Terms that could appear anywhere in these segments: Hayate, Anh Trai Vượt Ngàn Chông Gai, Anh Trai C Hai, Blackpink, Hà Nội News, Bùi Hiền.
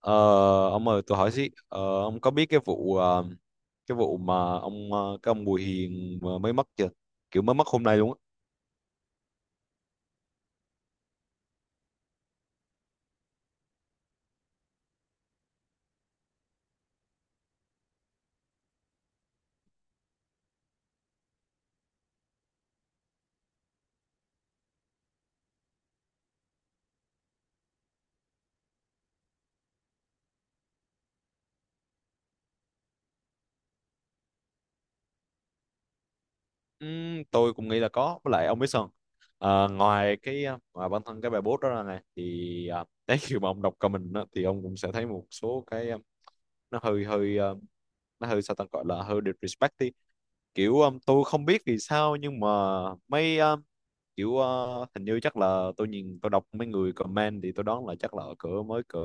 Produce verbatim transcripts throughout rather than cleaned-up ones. Ờ, ông ơi, tôi hỏi xí, ờ, ông có biết cái vụ ờ, cái vụ mà ông, ờ, cái ông Bùi Hiền mà mới mất chưa? Kiểu mới mất hôm nay luôn á. Ừm, tôi cũng nghĩ là có. Với lại, ông biết sao không? Ờ, ngoài cái ờ, ngoài bản thân cái bài post đó ra này thì, ờ, đấy, khi mà ông đọc comment đó thì ông cũng sẽ thấy một số cái, ờ, nó hơi hơi, ờ, nó hơi, sao ta, gọi là hơi disrespect đi. Kiểu, ờ, tôi không biết vì sao nhưng mà mấy, ờ, kiểu, ờ, hình như chắc là tôi nhìn tôi đọc mấy người comment thì tôi đoán là chắc là ở cỡ mới, cỡ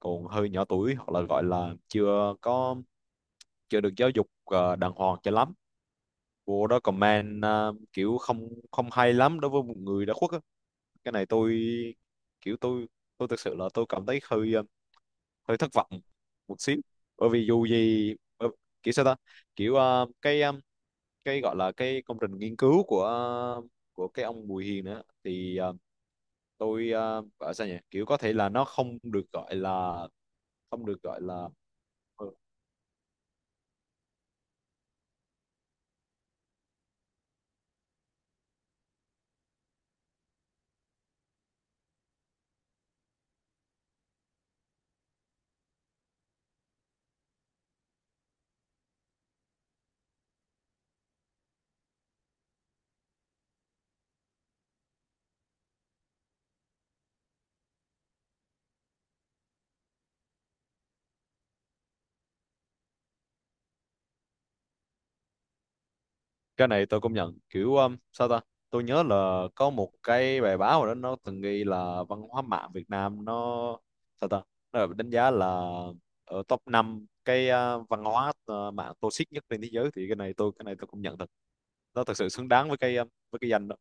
còn hơi nhỏ tuổi, hoặc là gọi là chưa có chưa được giáo dục ờ, đàng hoàng cho lắm. Vô đó comment, ờ, kiểu không không hay lắm đối với một người đã khuất á. Cái này tôi, kiểu tôi tôi thực sự là tôi cảm thấy hơi, ờ, hơi thất vọng một xíu. Bởi vì dù gì, ờ, kiểu sao ta, kiểu, ờ, cái, ờ, cái gọi là cái công trình nghiên cứu của, ờ, của cái ông Bùi Hiền nữa thì, ờ, tôi, ờ, gọi sao nhỉ, kiểu có thể là nó không được gọi là không được gọi là, ờ, cái này tôi công nhận, kiểu um, sao ta, tôi nhớ là có một cái bài báo rồi đó, nó từng ghi là văn hóa mạng Việt Nam nó, sao ta, nó được đánh giá là ở top năm cái, à, văn hóa, à, mạng toxic nhất trên thế giới. Thì cái này tôi cái này tôi công nhận thật, nó thật sự xứng đáng với cái, à, với cái danh đó.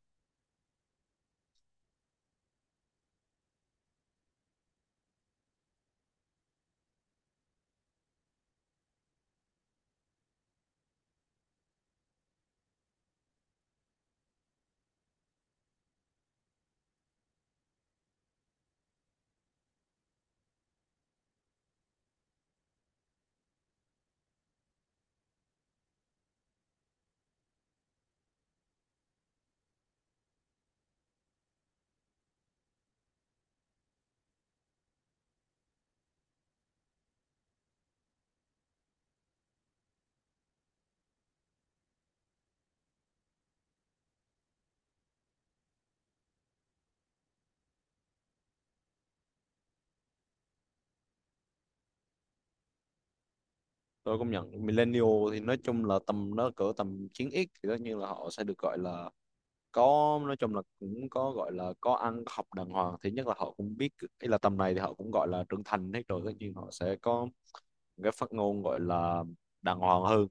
Tôi công nhận millennial thì nói chung là tầm nó cỡ tầm chín ích thì tất nhiên là họ sẽ được gọi là có, nói chung là cũng có, gọi là có ăn có học đàng hoàng, thì nhất là họ cũng biết. Ý là tầm này thì họ cũng gọi là trưởng thành hết rồi, tất nhiên họ sẽ có một cái phát ngôn gọi là đàng hoàng hơn.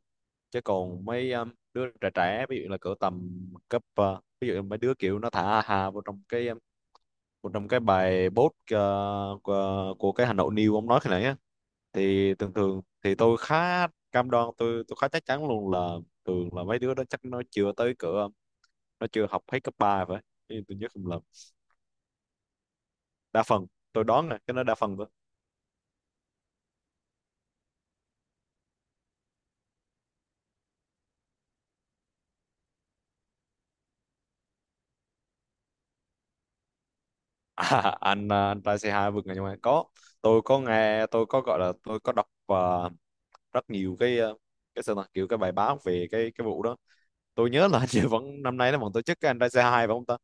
Chứ còn mấy um, đứa trẻ trẻ, ví dụ là cỡ tầm cấp, ờ, ví dụ mấy đứa kiểu nó thả hà vào trong cái um, vào trong cái bài post, ờ, của, của cái Hà Nội News ông nói khi nãy á. Thì thường thường thì tôi khá cam đoan, tôi tôi khá chắc chắn luôn là thường là mấy đứa đó chắc nó chưa tới cửa, nó chưa học hết cấp ba phải. Ý tôi nhớ không, đa phần, tôi đoán nè, cái đó đa phần thôi. À, anh à, anh trai xê hai vượt ngàn chông gai có, tôi có nghe, tôi có, gọi là tôi có đọc và rất nhiều cái, ờ, cái, sao ta, kiểu cái bài báo về cái cái vụ đó. Tôi nhớ là hình như vẫn năm nay nó vẫn tổ chức cái anh trai xê hai phải không ta?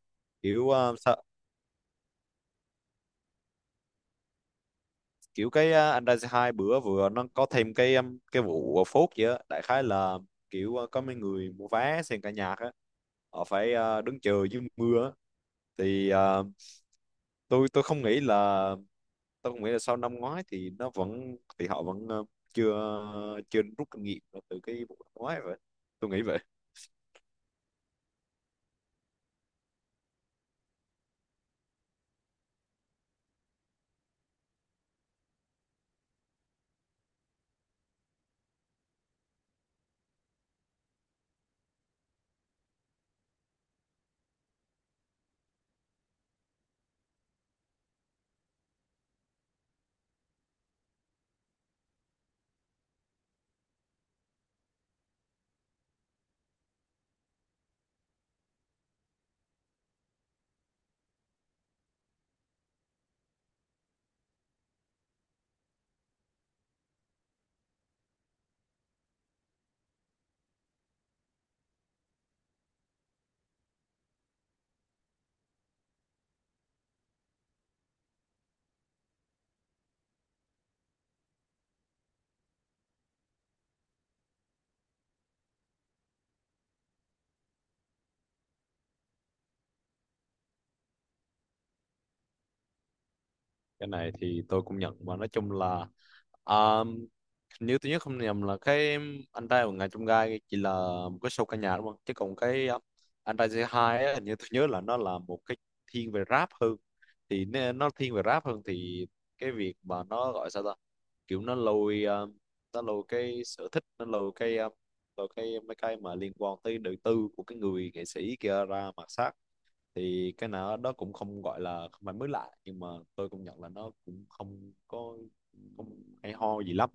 Kiểu, ờ, sa- kiểu cái, ờ, anh trai xê hai bữa vừa nó có thêm cái, um, cái vụ, à, phốt gì á, đại khái là kiểu, ờ, có mấy người mua vé xem cả nhạc á, họ phải, ờ, đứng chờ dưới mưa á. Thì, ờ, tôi tôi không nghĩ là, tôi cũng nghĩ là sau năm ngoái thì nó vẫn, thì họ vẫn, ờ, chưa chưa rút kinh nghiệm từ cái vụ năm ngoái vậy. Tôi nghĩ vậy. Cái này thì tôi cũng nhận, và nói chung là nếu tôi nhớ không nhầm là cái anh trai của ngài trong gai chỉ là một cái show ca nhạc đúng không, chứ còn cái, ờ, anh trai xê hai á, hình như tôi nhớ là nó là một cái thiên về rap hơn. Thì nó, nó thiên về rap hơn, thì cái việc mà nó gọi sao ta, kiểu nó lôi ờ, nó lôi cái sở thích, nó lôi cái ờ, lôi cái mấy cái mà liên quan tới đời tư của cái người nghệ sĩ kia ra mặt sát, thì cái nào đó cũng không gọi là không phải mới lạ, nhưng mà tôi công nhận là nó cũng không có, không hay ho gì lắm.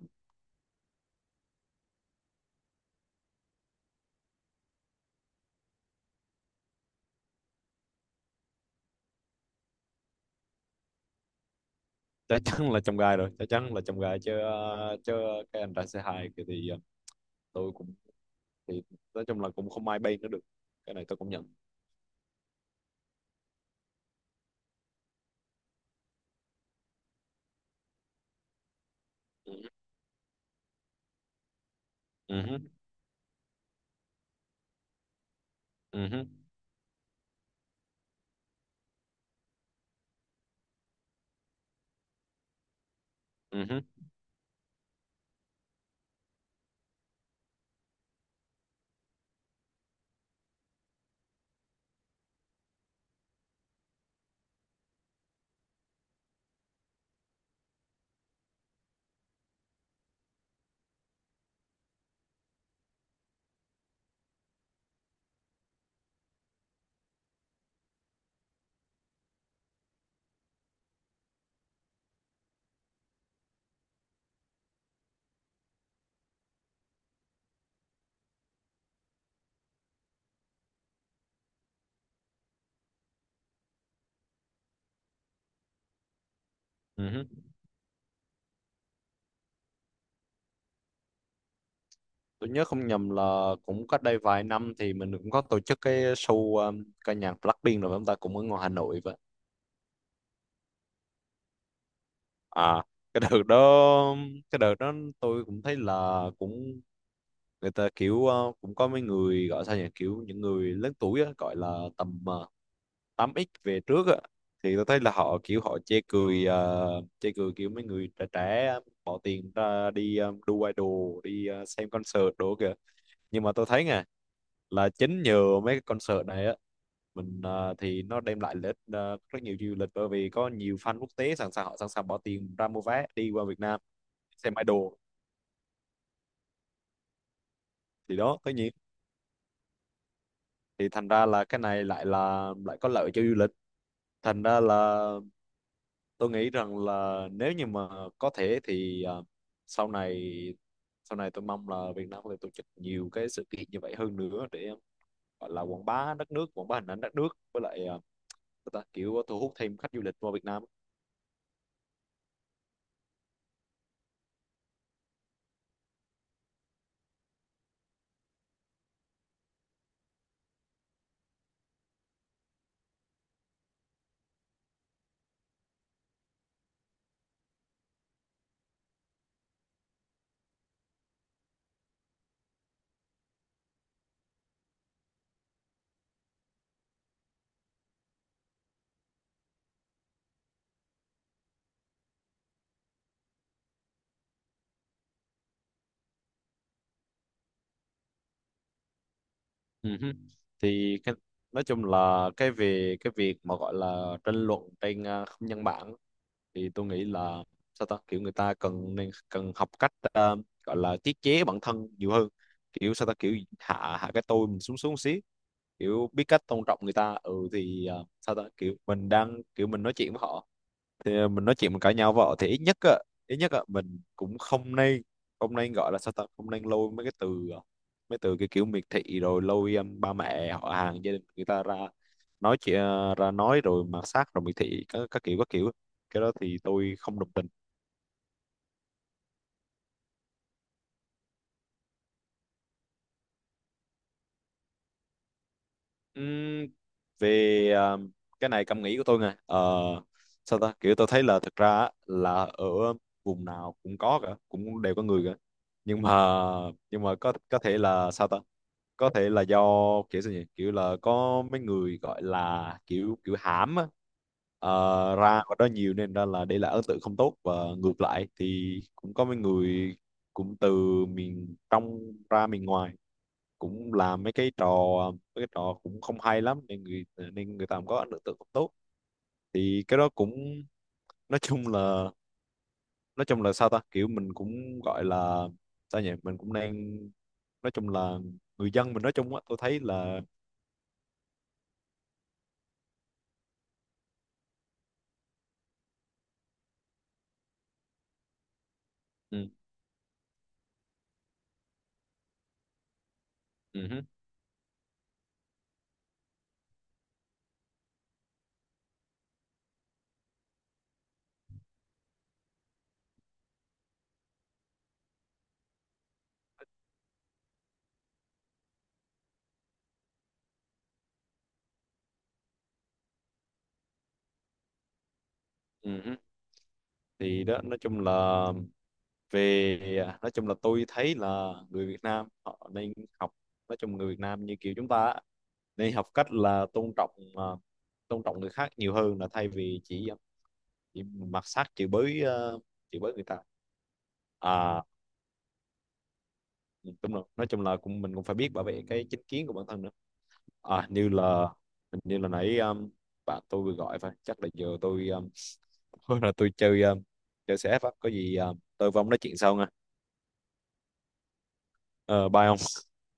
Chắc chắn là trong gai rồi, chắc chắn là trong gai chứ ờ, chứ cái anh ra xê hai kia thì, ờ, tôi cũng, thì nói chung là cũng không ai bay nữa được. Cái này tôi cũng nhận. Ừ. Ừ hứ. Ừ. Ừ. Ừ. Tôi nhớ không nhầm là cũng cách đây vài năm thì mình cũng có tổ chức cái show, ờ, ca nhạc Blackpink rồi chúng ta cũng ở ngoài Hà Nội vậy. À, cái đợt đó cái đợt đó tôi cũng thấy là cũng, người ta kiểu, ờ, cũng có mấy người gọi sao nhỉ, kiểu những người lớn tuổi á, gọi là tầm, ờ, tám x về trước á. Thì tôi thấy là họ kiểu họ chê cười ờ, chê cười kiểu mấy người trẻ trẻ bỏ tiền ra đi, ờ, đu idol, đi, ờ, xem concert đồ kìa. Nhưng mà tôi thấy nè là chính nhờ mấy cái concert này á, mình, ờ, thì nó đem lại lợi ích, ờ, rất nhiều du lịch, bởi vì có nhiều fan quốc tế sẵn sàng, họ sẵn sàng bỏ tiền ra mua vé đi qua Việt Nam xem idol. Thì đó, tất nhiên, thì thành ra là cái này lại là lại có lợi cho du lịch. Thành ra là tôi nghĩ rằng là nếu như mà có thể thì, à, sau này sau này tôi mong là Việt Nam có thể tổ chức nhiều cái sự kiện như vậy hơn nữa để gọi là quảng bá đất nước, quảng bá hình ảnh đất nước, với lại, à, người ta kiểu thu hút thêm khách du lịch vào Việt Nam. Ừ hứ. Thì cái, nói chung là cái về cái việc mà gọi là tranh luận trên, à, không gian mạng á, thì tôi nghĩ là sao ta, kiểu người ta cần nên cần học cách, ờ, gọi là tiết chế bản thân nhiều hơn, kiểu sao ta, kiểu hạ hạ cái tôi mình xuống xuống xí, kiểu biết cách tôn trọng người ta, ừ thì, ờ, sao ta, kiểu mình đang kiểu mình nói chuyện với họ, thì mình nói chuyện, mình cãi nhau với họ thì ít nhất á ít nhất á mình cũng không nên không nên gọi là sao ta, không nên lôi mấy cái từ ờ, mấy từ cái kiểu miệt thị, rồi lôi, um, ba mẹ họ hàng gia đình người ta ra nói chuyện, ra nói rồi mạt sát rồi miệt thị, các, các kiểu các kiểu, cái đó thì tôi không đồng tình. Ừm, Về, ờ, cái này cảm nghĩ của tôi nè. Ờ, Sao ta, kiểu tôi thấy là thực ra á, là ở vùng nào cũng có cả, cũng đều có người cả. Nhưng mà nhưng mà có có thể là sao ta, có thể là do kiểu sao nhỉ, kiểu là có mấy người gọi là kiểu kiểu hãm á. Ờ, ra ở đó nhiều nên ra là để lại ấn tượng không tốt. Và ngược lại thì cũng có mấy người cũng từ miền trong ra miền ngoài cũng làm mấy cái trò mấy cái trò cũng không hay lắm, nên người nên người ta cũng có ấn tượng không tốt. Thì cái đó cũng, nói chung là nói chung là sao ta, kiểu mình cũng gọi là sao nhỉ, mình cũng đang, nói chung là người dân mình nói chung á, tôi thấy là. Ừ. Ừ hứ. Ừ hứ. Thì đó, nói chung là về, à, nói chung là tôi thấy là người Việt Nam họ nên học, nói chung người Việt Nam như kiểu chúng ta á, nên học cách là tôn trọng, à, tôn trọng người khác nhiều hơn, là thay vì chỉ, à, chỉ mặc sát, chửi bới ờ, chửi bới người ta. À đúng rồi, nói chung là cũng mình cũng phải biết bảo vệ cái chính kiến của bản thân nữa. À như là, hình như là nãy, um, bạn tôi vừa gọi phải, chắc là giờ tôi, um, là tôi chơi, um, chơi c f á, có gì, um, tôi với ông nói chuyện sau nha. Ờ bye ông.